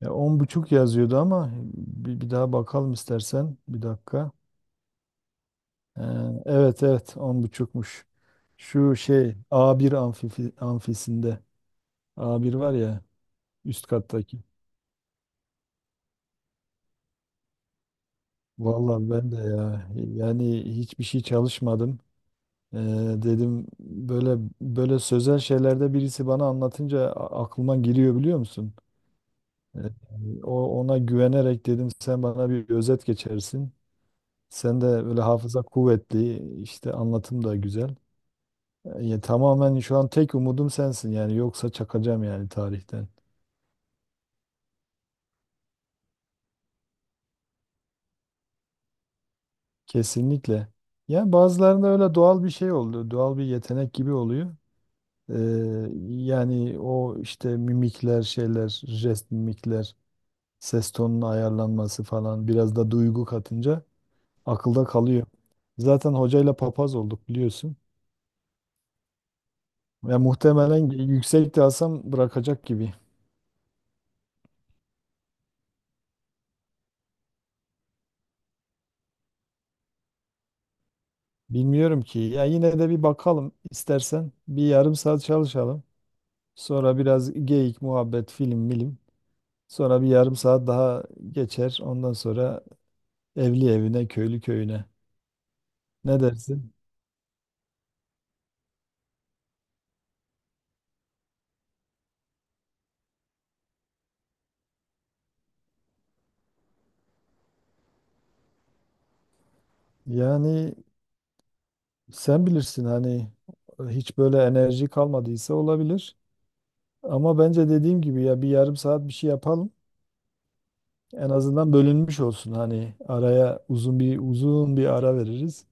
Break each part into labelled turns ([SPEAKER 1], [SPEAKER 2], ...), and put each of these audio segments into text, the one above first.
[SPEAKER 1] Ya 10.30 yazıyordu ama bir daha bakalım istersen. Bir dakika. Ee, evet, evet, on buçukmuş. Şu şey A1 amfisinde. A1 var ya, üst kattaki. Vallahi ben de ya yani hiçbir şey çalışmadım. Ee, Dedim böyle böyle sözel şeylerde birisi bana anlatınca aklıma giriyor, biliyor musun? Ee, O ona güvenerek dedim sen bana bir özet geçersin. Sen de böyle hafıza kuvvetli, işte anlatım da güzel. Ya, tamamen şu an tek umudum sensin yani, yoksa çakacağım yani tarihten. Kesinlikle. Yani bazılarında öyle doğal bir şey oldu, doğal bir yetenek gibi oluyor. Ee, Yani o işte mimikler, şeyler, jest mimikler, ses tonunun ayarlanması falan, biraz da duygu katınca akılda kalıyor. Zaten hocayla papaz olduk biliyorsun. Ya muhtemelen yüksek de alsam bırakacak gibi. Bilmiyorum ki. Ya yine de bir bakalım istersen. Bir yarım saat çalışalım. Sonra biraz geyik, muhabbet, film, milim. Sonra bir yarım saat daha geçer. Ondan sonra evli evine, köylü köyüne. Ne dersin? Yani sen bilirsin hani, hiç böyle enerji kalmadıysa olabilir. Ama bence dediğim gibi ya, bir yarım saat bir şey yapalım. En azından bölünmüş olsun, hani araya uzun bir ara veririz.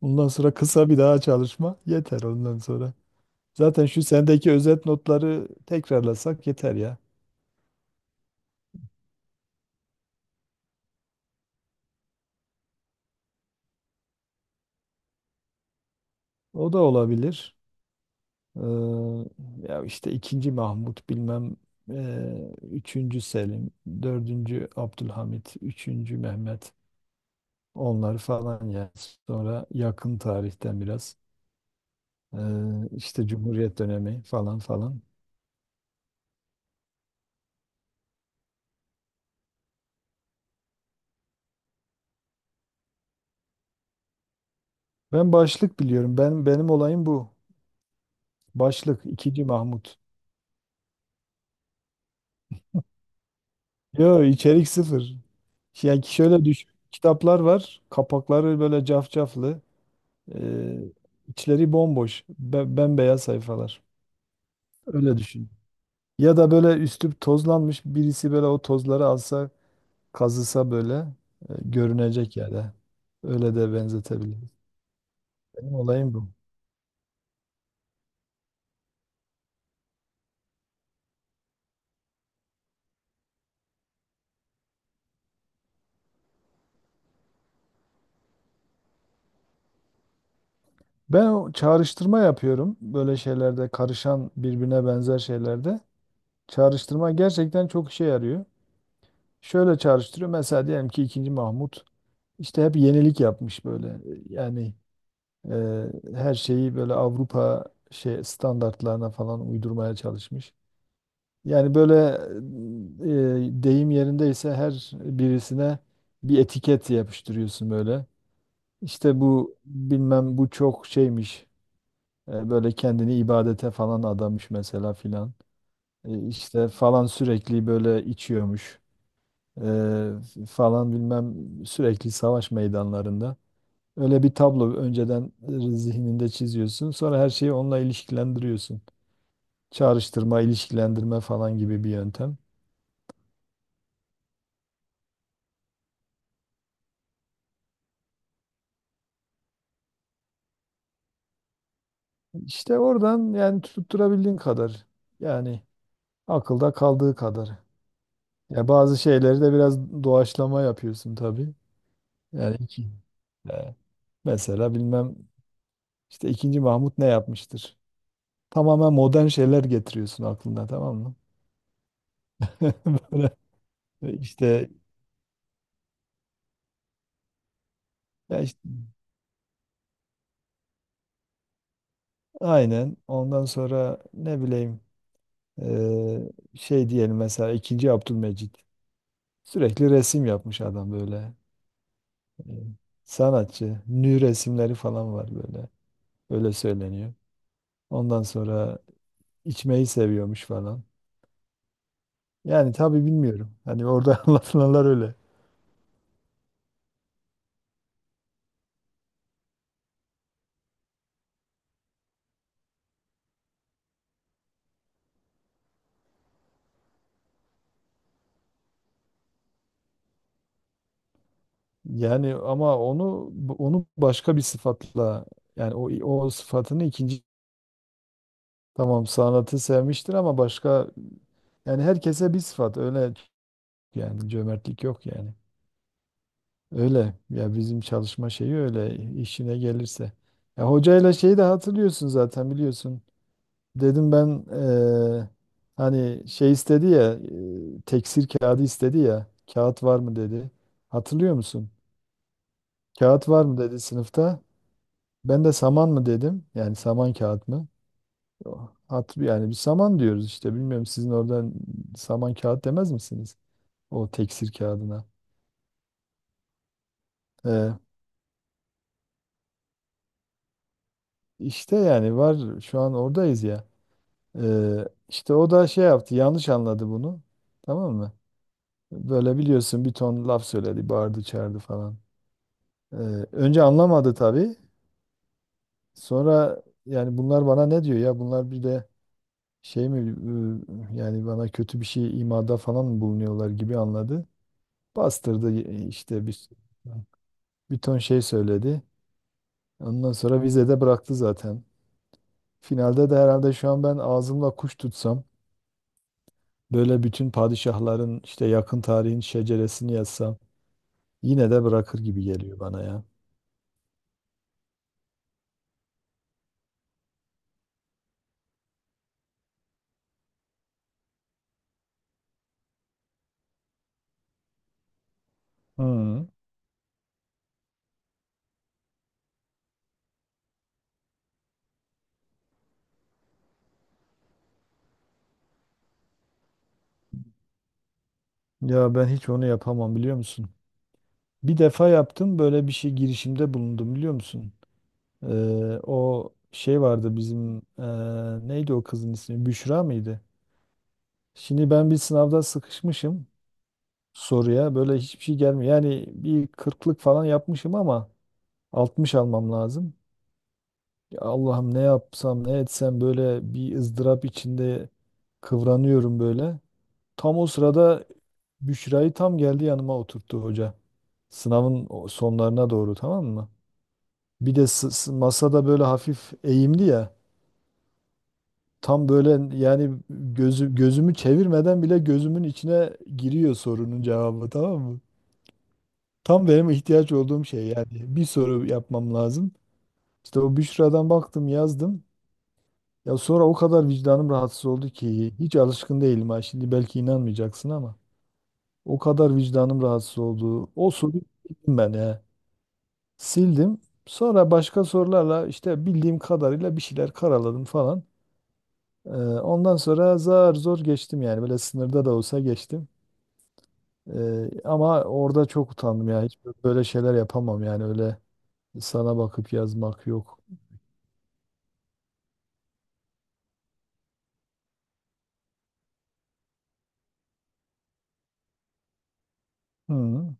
[SPEAKER 1] Ondan sonra kısa bir daha çalışma yeter ondan sonra. Zaten şu sendeki özet notları tekrarlasak yeter ya. O da olabilir. Ee, Ya işte ikinci Mahmut bilmem, üçüncü Selim, dördüncü Abdülhamit, üçüncü Mehmet, onlar falan ya. Sonra yakın tarihten biraz ee, işte Cumhuriyet dönemi falan falan. Ben başlık biliyorum. Ben, benim olayım bu. Başlık ikinci Mahmut. Yo, içerik sıfır. Yani şöyle düş. Kitaplar var. Kapakları böyle cafcaflı. Ee, içleri bomboş, bembeyaz sayfalar. Öyle düşün. Ya da böyle üstü tozlanmış birisi böyle o tozları alsa, kazısa böyle, görünecek yerde. Öyle de benzetebiliriz. Benim olayım bu. Ben o çağrıştırma yapıyorum böyle şeylerde, karışan birbirine benzer şeylerde. Çağrıştırma gerçekten çok işe yarıyor. Şöyle çağrıştırıyor. Mesela diyelim ki ikinci Mahmut işte hep yenilik yapmış böyle. Yani her şeyi böyle Avrupa şey standartlarına falan uydurmaya çalışmış. Yani böyle, deyim yerindeyse her birisine bir etiket yapıştırıyorsun böyle. İşte bu bilmem, bu çok şeymiş. Böyle kendini ibadete falan adamış mesela filan. İşte falan sürekli böyle içiyormuş. Eee, Falan bilmem sürekli savaş meydanlarında. Öyle bir tablo önceden zihninde çiziyorsun. Sonra her şeyi onunla ilişkilendiriyorsun. Çağrıştırma, ilişkilendirme falan gibi bir yöntem. İşte oradan, yani tutturabildiğin kadar. Yani akılda kaldığı kadar. Ya bazı şeyleri de biraz doğaçlama yapıyorsun tabii. Yani iki. e, Mesela bilmem işte ikinci Mahmut ne yapmıştır? Tamamen modern şeyler getiriyorsun aklına, tamam mı? Böyle işte, ya işte aynen, ondan sonra ne bileyim, Ee, şey diyelim mesela ikinci Abdülmecit sürekli resim yapmış adam böyle. Ee, Sanatçı, nü resimleri falan var böyle, öyle söyleniyor. Ondan sonra içmeyi seviyormuş falan, yani tabii bilmiyorum hani orada anlatılanlar öyle. Yani ama onu başka bir sıfatla, yani o sıfatını ikinci, tamam sanatı sevmiştir ama başka, yani herkese bir sıfat öyle, yani cömertlik yok yani. Öyle ya, bizim çalışma şeyi öyle, işine gelirse. Ya hocayla şeyi de hatırlıyorsun zaten, biliyorsun. Dedim ben, hani şey istedi ya, teksir kağıdı istedi ya, kağıt var mı dedi. Hatırlıyor musun? Kağıt var mı dedi sınıfta. Ben de saman mı dedim. Yani saman kağıt mı? Yani bir saman diyoruz işte. Bilmiyorum sizin oradan saman kağıt demez misiniz? O teksir kağıdına. Eee işte yani var, şu an oradayız. İşte o da şey yaptı, yanlış anladı bunu. Tamam mı? Böyle biliyorsun, bir ton laf söyledi, bağırdı, çağırdı falan. Ee, Önce anlamadı tabii. Sonra yani bunlar bana ne diyor ya? Bunlar bir de şey mi, yani bana kötü bir şey imada falan mı bulunuyorlar gibi anladı. Bastırdı, işte bir ton şey söyledi. Ondan sonra vizede bıraktı zaten. Finalde de herhalde şu an ben ağzımla kuş tutsam, böyle bütün padişahların işte yakın tarihin şeceresini yazsam, yine de bırakır gibi geliyor bana ya. Hı. Ya ben hiç onu yapamam, biliyor musun? Bir defa yaptım böyle bir şey, girişimde bulundum, biliyor musun? O şey vardı bizim, neydi o kızın ismi? Büşra mıydı? Şimdi ben bir sınavda sıkışmışım, soruya böyle hiçbir şey gelmiyor. Yani bir kırklık falan yapmışım ama 60 almam lazım. Ya Allah'ım ne yapsam ne etsem, böyle bir ızdırap içinde kıvranıyorum böyle. Tam o sırada Büşra'yı tam geldi yanıma oturttu hoca. Sınavın sonlarına doğru, tamam mı? Bir de masada böyle hafif eğimli ya. Tam böyle yani gözümü çevirmeden bile gözümün içine giriyor sorunun cevabı, tamam mı? Tam benim ihtiyaç olduğum şey yani. Bir soru yapmam lazım. İşte o Büşra'dan baktım, yazdım. Ya sonra o kadar vicdanım rahatsız oldu ki, hiç alışkın değilim ha. Şimdi belki inanmayacaksın ama o kadar vicdanım rahatsız oldu. O soruyu sildim ben ya. Sildim. Sonra başka sorularla işte bildiğim kadarıyla bir şeyler karaladım falan. Ee, Ondan sonra zar zor geçtim yani. Böyle sınırda da olsa geçtim. Ama orada çok utandım ya. Hiç böyle şeyler yapamam yani, öyle sana bakıp yazmak yok. Hı.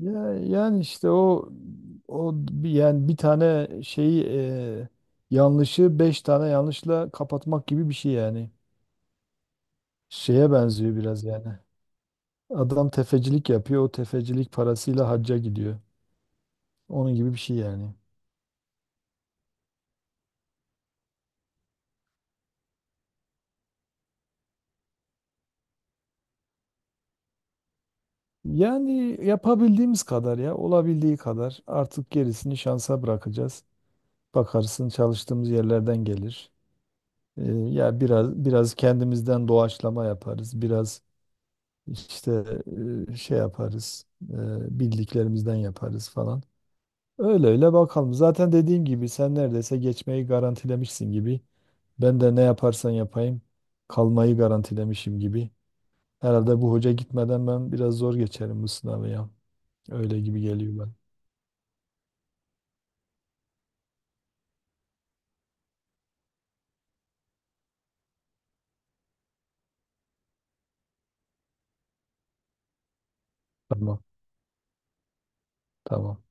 [SPEAKER 1] Ya, yani işte o yani bir tane şeyi, yanlışı beş tane yanlışla kapatmak gibi bir şey yani. Şeye benziyor biraz yani. Adam tefecilik yapıyor. O tefecilik parasıyla hacca gidiyor. Onun gibi bir şey yani. Yani yapabildiğimiz kadar ya, olabildiği kadar, artık gerisini şansa bırakacağız. Bakarsın çalıştığımız yerlerden gelir. Ya biraz biraz kendimizden doğaçlama yaparız. Biraz İşte şey yaparız, bildiklerimizden yaparız falan. Öyle öyle bakalım. Zaten dediğim gibi sen neredeyse geçmeyi garantilemişsin gibi. Ben de ne yaparsan yapayım kalmayı garantilemişim gibi. Herhalde bu hoca gitmeden ben biraz zor geçerim bu sınavı ya. Öyle gibi geliyor bana. Tamam, tamam.